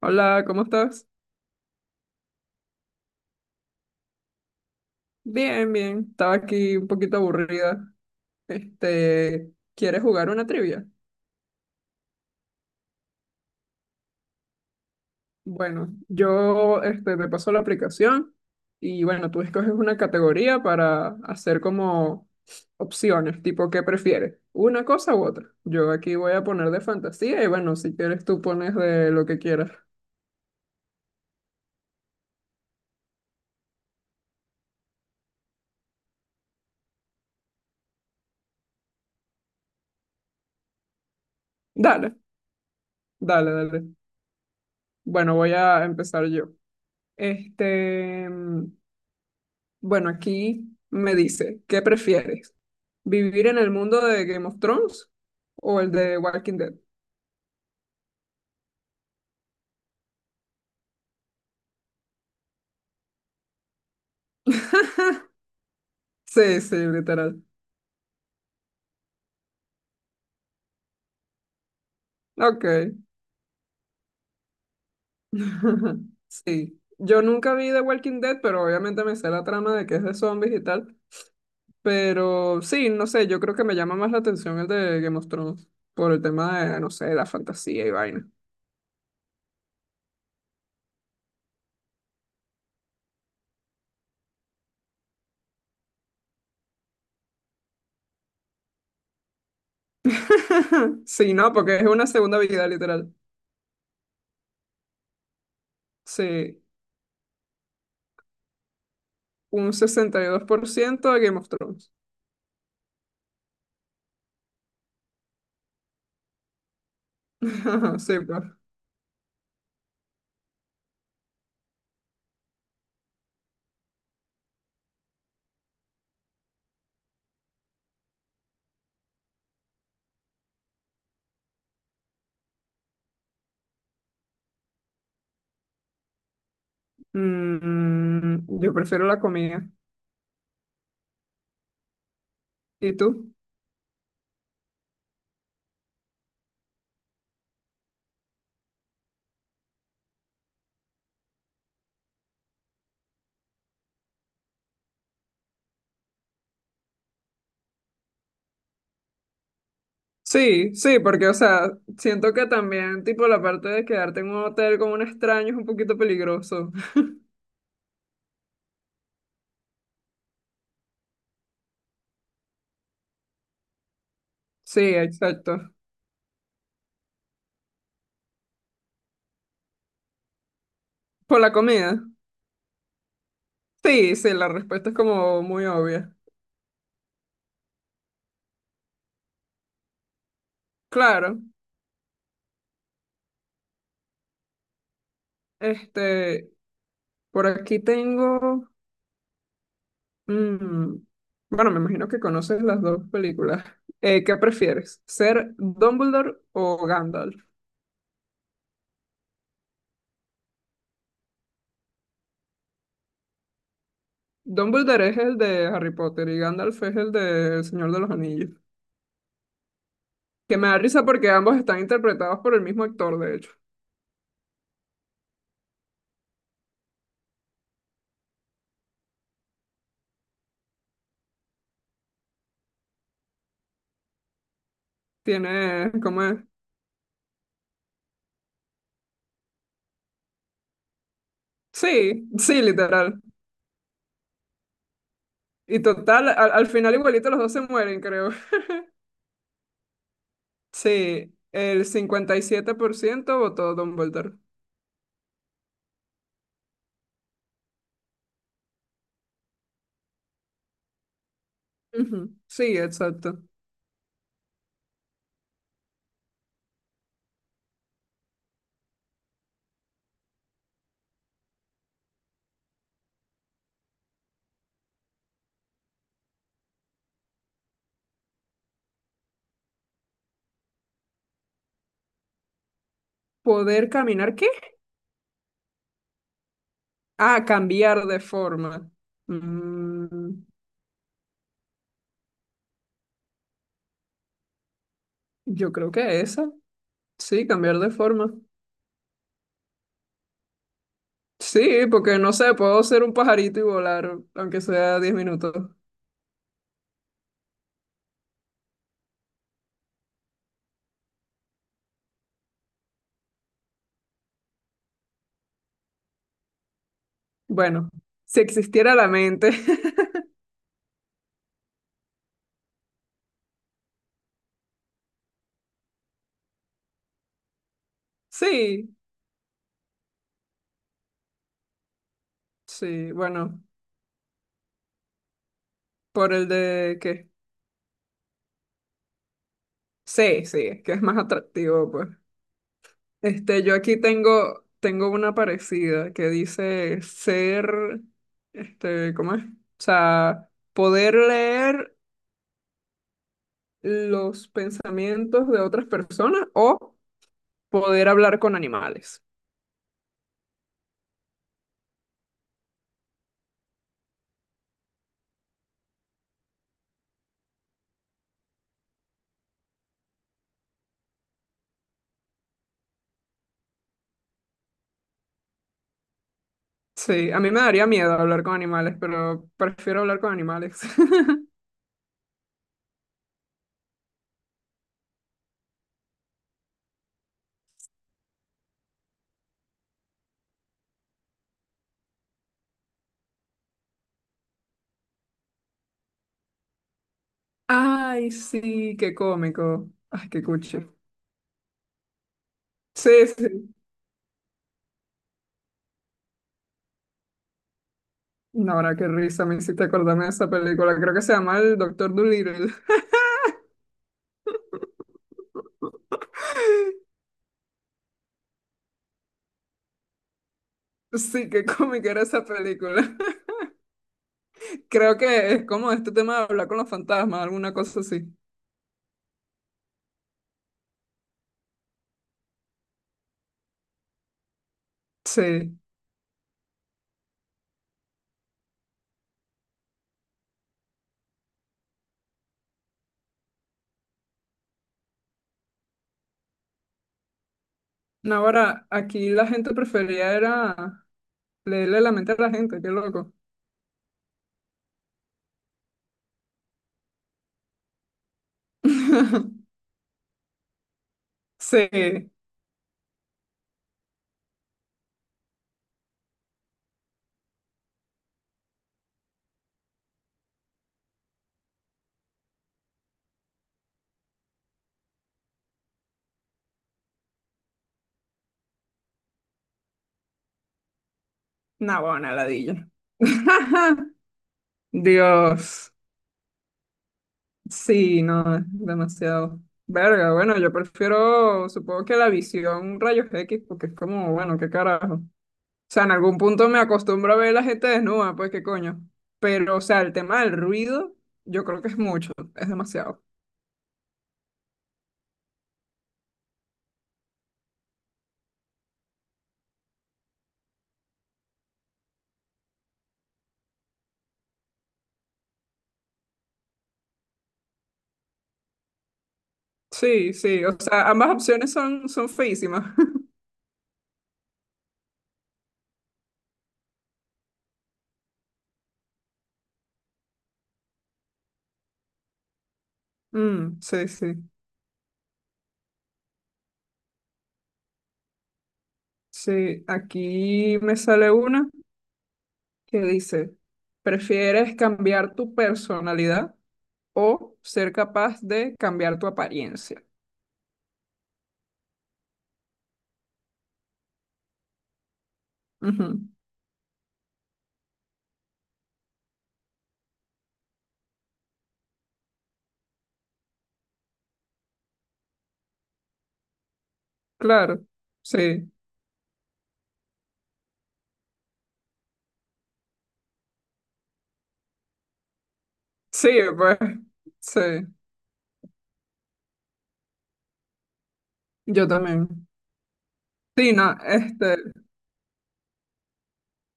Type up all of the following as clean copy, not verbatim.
Hola, ¿cómo estás? Bien, bien. Estaba aquí un poquito aburrida. ¿Quieres jugar una trivia? Bueno, yo te paso la aplicación y bueno, tú escoges una categoría para hacer como opciones, tipo ¿qué prefieres? ¿Una cosa u otra? Yo aquí voy a poner de fantasía y bueno, si quieres tú pones de lo que quieras. Dale, dale, dale. Bueno, voy a empezar yo. Este, mm, bueno, aquí me dice, ¿qué prefieres? ¿Vivir en el mundo de Game of Thrones o el de Walking Dead? Sí, sí, literal. Ok. Sí. Yo nunca vi The Walking Dead, pero obviamente me sé la trama de que es de zombies y tal. Pero sí, no sé, yo creo que me llama más la atención el de Game of Thrones por el tema de, no sé, la fantasía y vaina. Sí, no, porque es una segunda vida, literal. Sí, un 62% de Game of Thrones. Sí, pues. Mm, yo prefiero la comida. ¿Y tú? Sí, sí, porque, o sea, siento que también, tipo, la parte de quedarte en un hotel con un extraño es un poquito peligroso. Sí, exacto. ¿Por la comida? Sí, sí, la respuesta es como muy obvia. Claro, este, por aquí mm, bueno, me imagino que conoces las dos películas. ¿Qué prefieres? ¿Ser Dumbledore o Gandalf? Dumbledore es el de Harry Potter y Gandalf es el de El Señor de los Anillos. Que me da risa porque ambos están interpretados por el mismo actor, de hecho. Tiene, ¿cómo es? Sí, sí, literal. Y total, al final igualito los dos se mueren, creo. Sí, el 57% votó Dumbledore. Ujú, sí, exacto. ¿Poder caminar qué? Ah, cambiar de forma. Mm, yo creo que esa. Sí, cambiar de forma. Sí, porque no sé, puedo ser un pajarito y volar, aunque sea 10 minutos. Bueno, si existiera la mente. Sí, sí, bueno, por el de que sí, sí, es que es más atractivo, pues. Yo aquí tengo una parecida que dice ser, ¿cómo es? O sea, poder leer los pensamientos de otras personas o poder hablar con animales. Sí, a mí me daría miedo hablar con animales, pero prefiero hablar con animales. Ay, sí, qué cómico. Ay, qué cuchi. Sí, sí. No, ahora qué risa me hiciste acordarme de esa película. Creo que se llama El Doctor Dolittle. Sí, qué cómica era esa película. Creo que es como este tema de hablar con los fantasmas, alguna cosa así. Sí. No, ahora aquí la gente prefería era leerle la mente a la gente, qué loco. Sí, no, bueno, una ladilla. Dios, sí, no, es demasiado. Verga, bueno, yo prefiero, supongo que la visión rayos X, porque es como, bueno, qué carajo. O sea, en algún punto me acostumbro a ver la gente desnuda, pues qué coño. Pero, o sea, el tema del ruido, yo creo que es mucho, es demasiado. Sí, sí, o sea, ambas opciones son feísimas. Mm, sí, sí. Sí, aquí me sale una. Que dice, ¿prefieres cambiar tu personalidad o ser capaz de cambiar tu apariencia? Ujú, claro, sí, sí, pues, sí, yo también. Sí, no,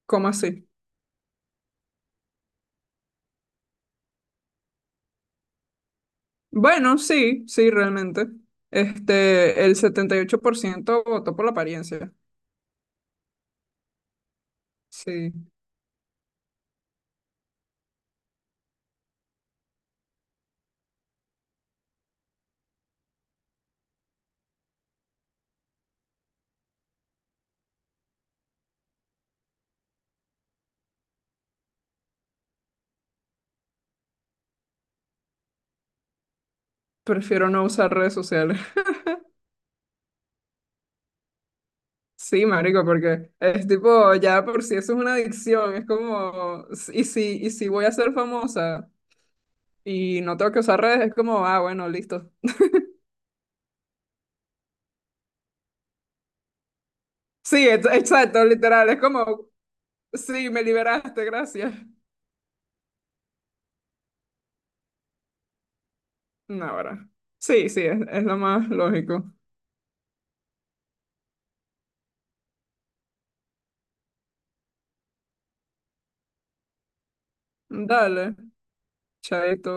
¿cómo así? Bueno, sí, sí, realmente. El 78% votó por la apariencia. Sí, prefiero no usar redes sociales. Sí, marico, porque es tipo, ya por si eso es una adicción, es como, y si voy a ser famosa, y no tengo que usar redes, es como, ah, bueno, listo. Sí, exacto, literal, es como, sí, me liberaste, gracias. No, ahora. Sí, sí, es lo más lógico. Dale, chaito.